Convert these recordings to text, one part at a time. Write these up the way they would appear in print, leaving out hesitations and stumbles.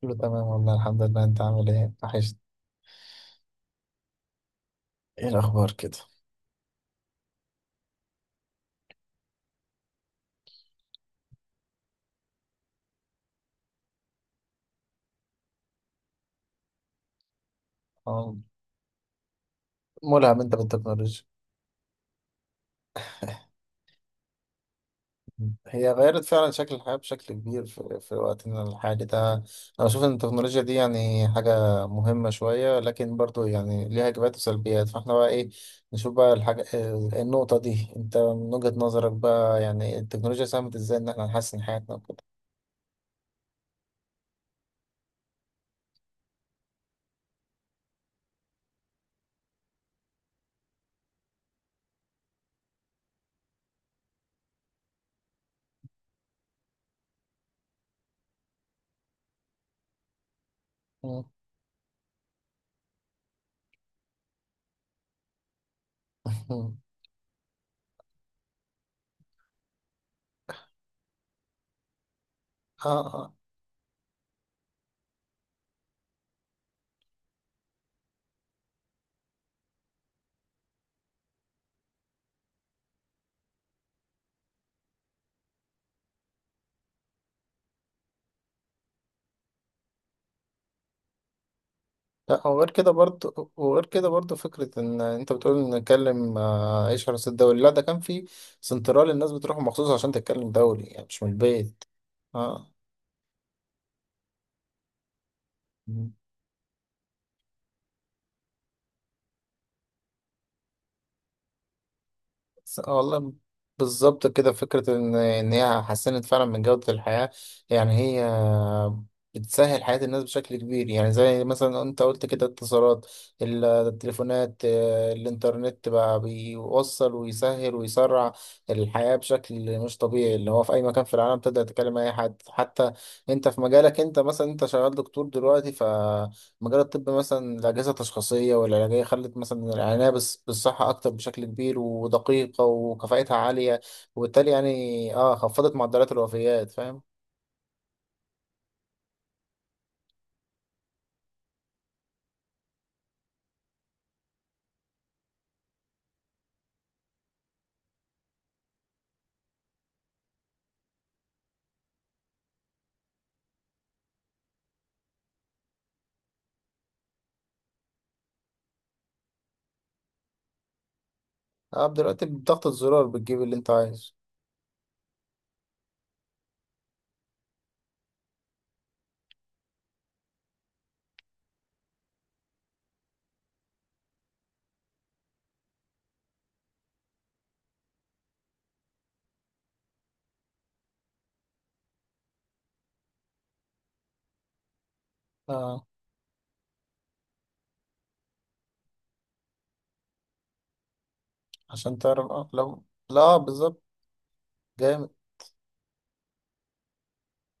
كله تمام والله الحمد لله، انت عامل ايه؟ وحشت. ايه الاخبار كده؟ اه، ملهم انت بالتكنولوجيا. هي غيرت فعلا شكل الحياة بشكل كبير في وقتنا الحالي ده. انا بشوف ان التكنولوجيا دي يعني حاجة مهمة شوية، لكن برضو يعني ليها ايجابيات وسلبيات، فاحنا بقى ايه، نشوف بقى الحاجة النقطة دي. انت من وجهة نظرك بقى يعني التكنولوجيا ساهمت ازاي ان احنا نحسن حياتنا وكده؟ اه. اه. لا، وغير كده برضه، وغير كده برضه، فكرة إن أنت بتقول إن نتكلم إيش حرس الدوري، لا ده كان في سنترال، الناس بتروح مخصوص عشان تتكلم دوري، يعني مش من البيت. اه. والله بالظبط كده. فكرة إن هي حسنت فعلا من جودة الحياة. يعني هي بتسهل حياة الناس بشكل كبير. يعني زي مثلا أنت قلت كده، اتصالات التليفونات، الإنترنت بقى بيوصل ويسهل ويسرع الحياة بشكل مش طبيعي، اللي هو في أي مكان في العالم تقدر تكلم أي حد. حتى أنت في مجالك، أنت مثلا أنت شغال دكتور دلوقتي، مجال الطب مثلا الأجهزة التشخيصية والعلاجية خلت مثلا العناية بس بالصحة أكتر بشكل كبير ودقيقة وكفاءتها عالية، وبالتالي يعني اه خفضت معدلات الوفيات، فاهم؟ اه دلوقتي بضغطة زرار بتجيب اللي أنت عايزه. اه، عشان تعرف اه لو. لا آه بالظبط. جامد.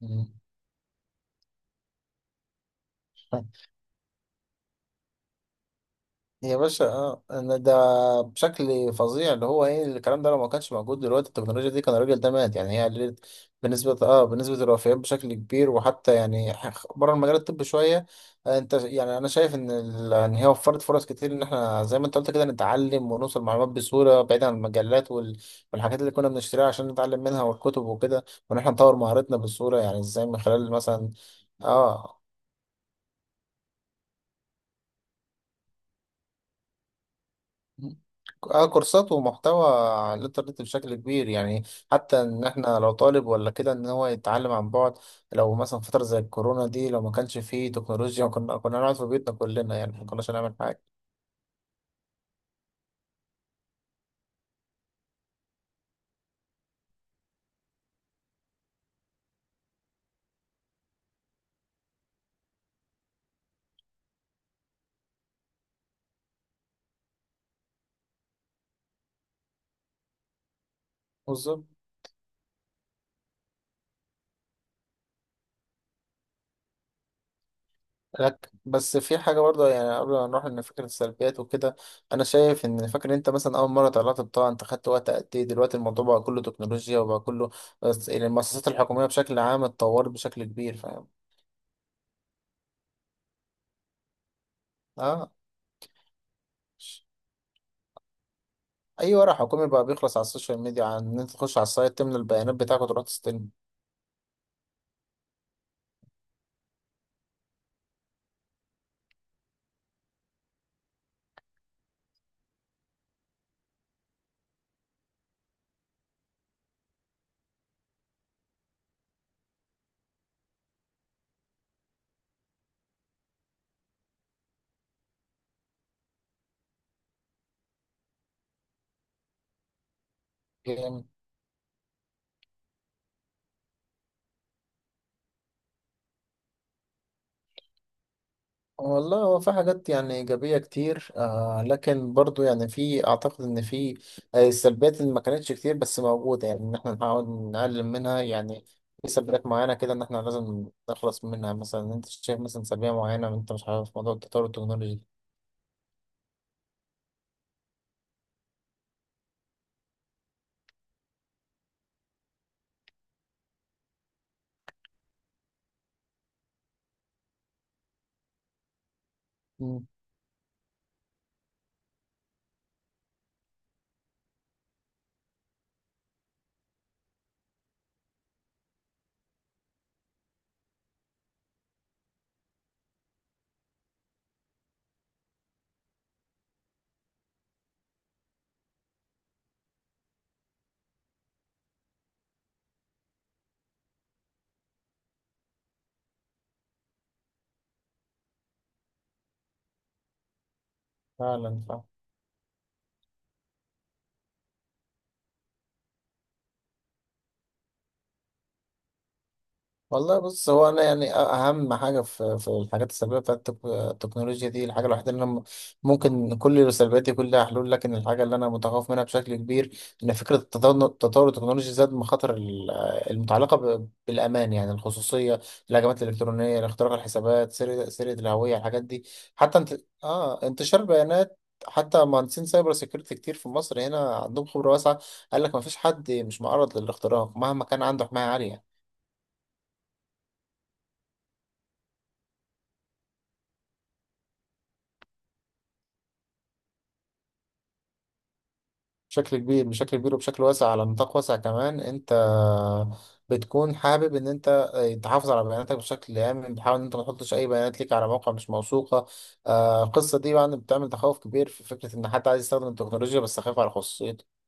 مم. يا باشا اه أنا ده بشكل فظيع اللي هو ايه الكلام ده. لو ما كانش موجود دلوقتي التكنولوجيا دي كان الراجل ده مات، يعني هي قللت بنسبة اه بنسبة الوفيات بشكل كبير. وحتى يعني بره المجال الطبي شوية، انت يعني انا شايف ان ان هي وفرت فرص كتير ان احنا زي ما انت قلت كده نتعلم ونوصل معلومات بسهولة، بعيد عن المجلات والحاجات اللي كنا بنشتريها عشان نتعلم منها والكتب وكده، وان احنا نطور مهارتنا بسهولة. يعني ازاي، من خلال مثلا اه اه كورسات ومحتوى على الانترنت بشكل كبير يعني. حتى ان احنا لو طالب ولا كده ان هو يتعلم عن بعد. لو مثلا فترة زي الكورونا دي لو ما كانش فيه تكنولوجيا كنا نقعد في بيتنا كلنا، يعني ما كناش هنعمل حاجة. بالظبط. لك بس في حاجة برضه يعني قبل ما نروح لفكرة السلبيات وكده، أنا شايف إن، فاكر أنت مثلا أول مرة طلعت بطاقة أنت خدت وقت قد إيه، دلوقتي الموضوع بقى كله تكنولوجيا وبقى كله بس. يعني المؤسسات الحكومية بشكل عام اتطورت بشكل كبير، فاهم؟ آه، اي ورق حكومي بقى بيخلص على السوشيال ميديا، عن ان انت تخش على السايت تملى البيانات بتاعك وتروح تستلم يعني. والله هو في حاجات يعني ايجابيه كتير آه، لكن برضو يعني في، اعتقد ان في سلبيات اللي ما كانتش كتير بس موجوده، يعني ان احنا نحاول نقلل منها يعني. في سلبيات معينه كده ان احنا لازم نخلص منها. مثلا انت شايف مثلا سلبيه معينه انت مش عارف، موضوع التطور التكنولوجي. مم، فعلا فعلا. والله بص هو انا يعني اهم حاجه في في الحاجات السلبيه بتاعت التكنولوجيا دي، الحاجه الوحيده اللي انا ممكن كل سلبياتي كلها حلول، لكن الحاجه اللي انا متخوف منها بشكل كبير ان فكره التطور التكنولوجي زاد مخاطر المتعلقه بالامان، يعني الخصوصيه، الهجمات الالكترونيه، اختراق الحسابات، سرقه الهويه، الحاجات دي. حتى انت اه انتشار بيانات. حتى مهندسين سايبر سيكيورتي كتير في مصر هنا عندهم خبره واسعه قال لك ما فيش حد مش معرض للاختراق مهما كان عنده حمايه عاليه. بشكل كبير، بشكل كبير وبشكل واسع، على نطاق واسع كمان. انت بتكون حابب ان انت تحافظ على بياناتك بشكل امن، بتحاول ان انت ما تحطش اي بيانات ليك على موقع مش موثوقه. القصه دي بقى بتعمل تخوف كبير في فكره ان حد عايز يستخدم التكنولوجيا بس خايف على خصوصيته.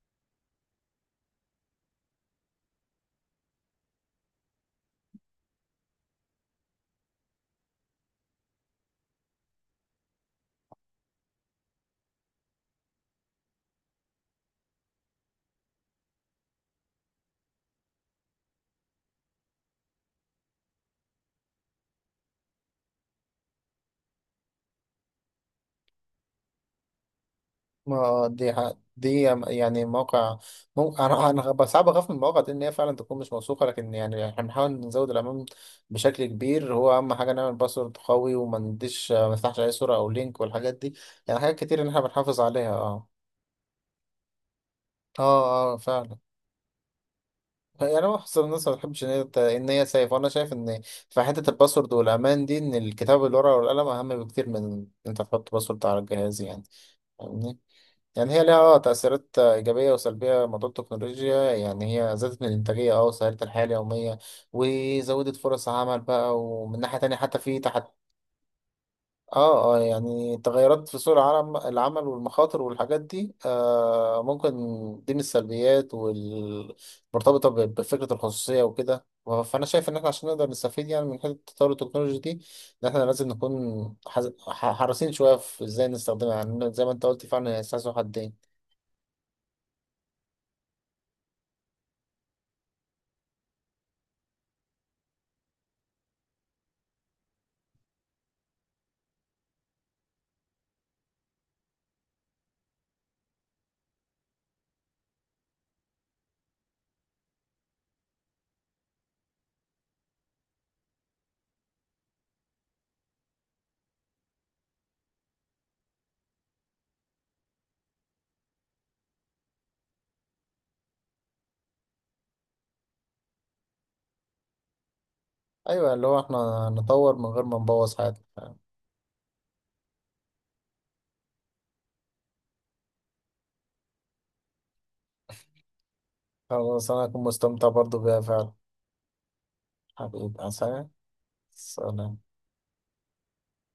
ما دي ح- دي يعني موقع ممكن، انا صعب اخاف من المواقع دي ان هي فعلا تكون مش موثوقه، لكن يعني احنا بنحاول نزود الامان بشكل كبير. هو اهم حاجه نعمل باسورد قوي، وما نديش ما نفتحش اي صوره او لينك والحاجات دي. يعني حاجات كتير ان احنا بنحافظ عليها. اه اه اه فعلا. يعني انا بحس الناس ما بتحبش ان هي ان هي سيف، وانا شايف ان في حته الباسورد والامان دي ان الكتاب بالورقه والقلم اهم بكتير من إن انت تحط باسورد على الجهاز يعني. فاهمني؟ يعني هي ليها آه تأثيرات إيجابية وسلبية. موضوع التكنولوجيا يعني هي زادت من الإنتاجية أه وسهلت الحياة اليومية وزودت فرص عمل بقى، ومن ناحية تانية حتى في تحد. اه اه، يعني تغيرات في سوق العالم العمل والمخاطر والحاجات دي آه، ممكن دي من السلبيات والمرتبطة بفكرة الخصوصية وكده فأنا شايف إن إحنا عشان نقدر نستفيد يعني من حتة التطور التكنولوجي دي، إن إحنا لازم نكون حريصين شوية في إزاي نستخدمها. يعني زي ما أنت قلت فعلا هي سلاح ذو حدين. أيوه، اللي هو إحنا نطور من غير ما نبوظ حاجة. خلاص أنا هكون مستمتع برضه بيها فعلا. حبيبي عسلامة. سلام.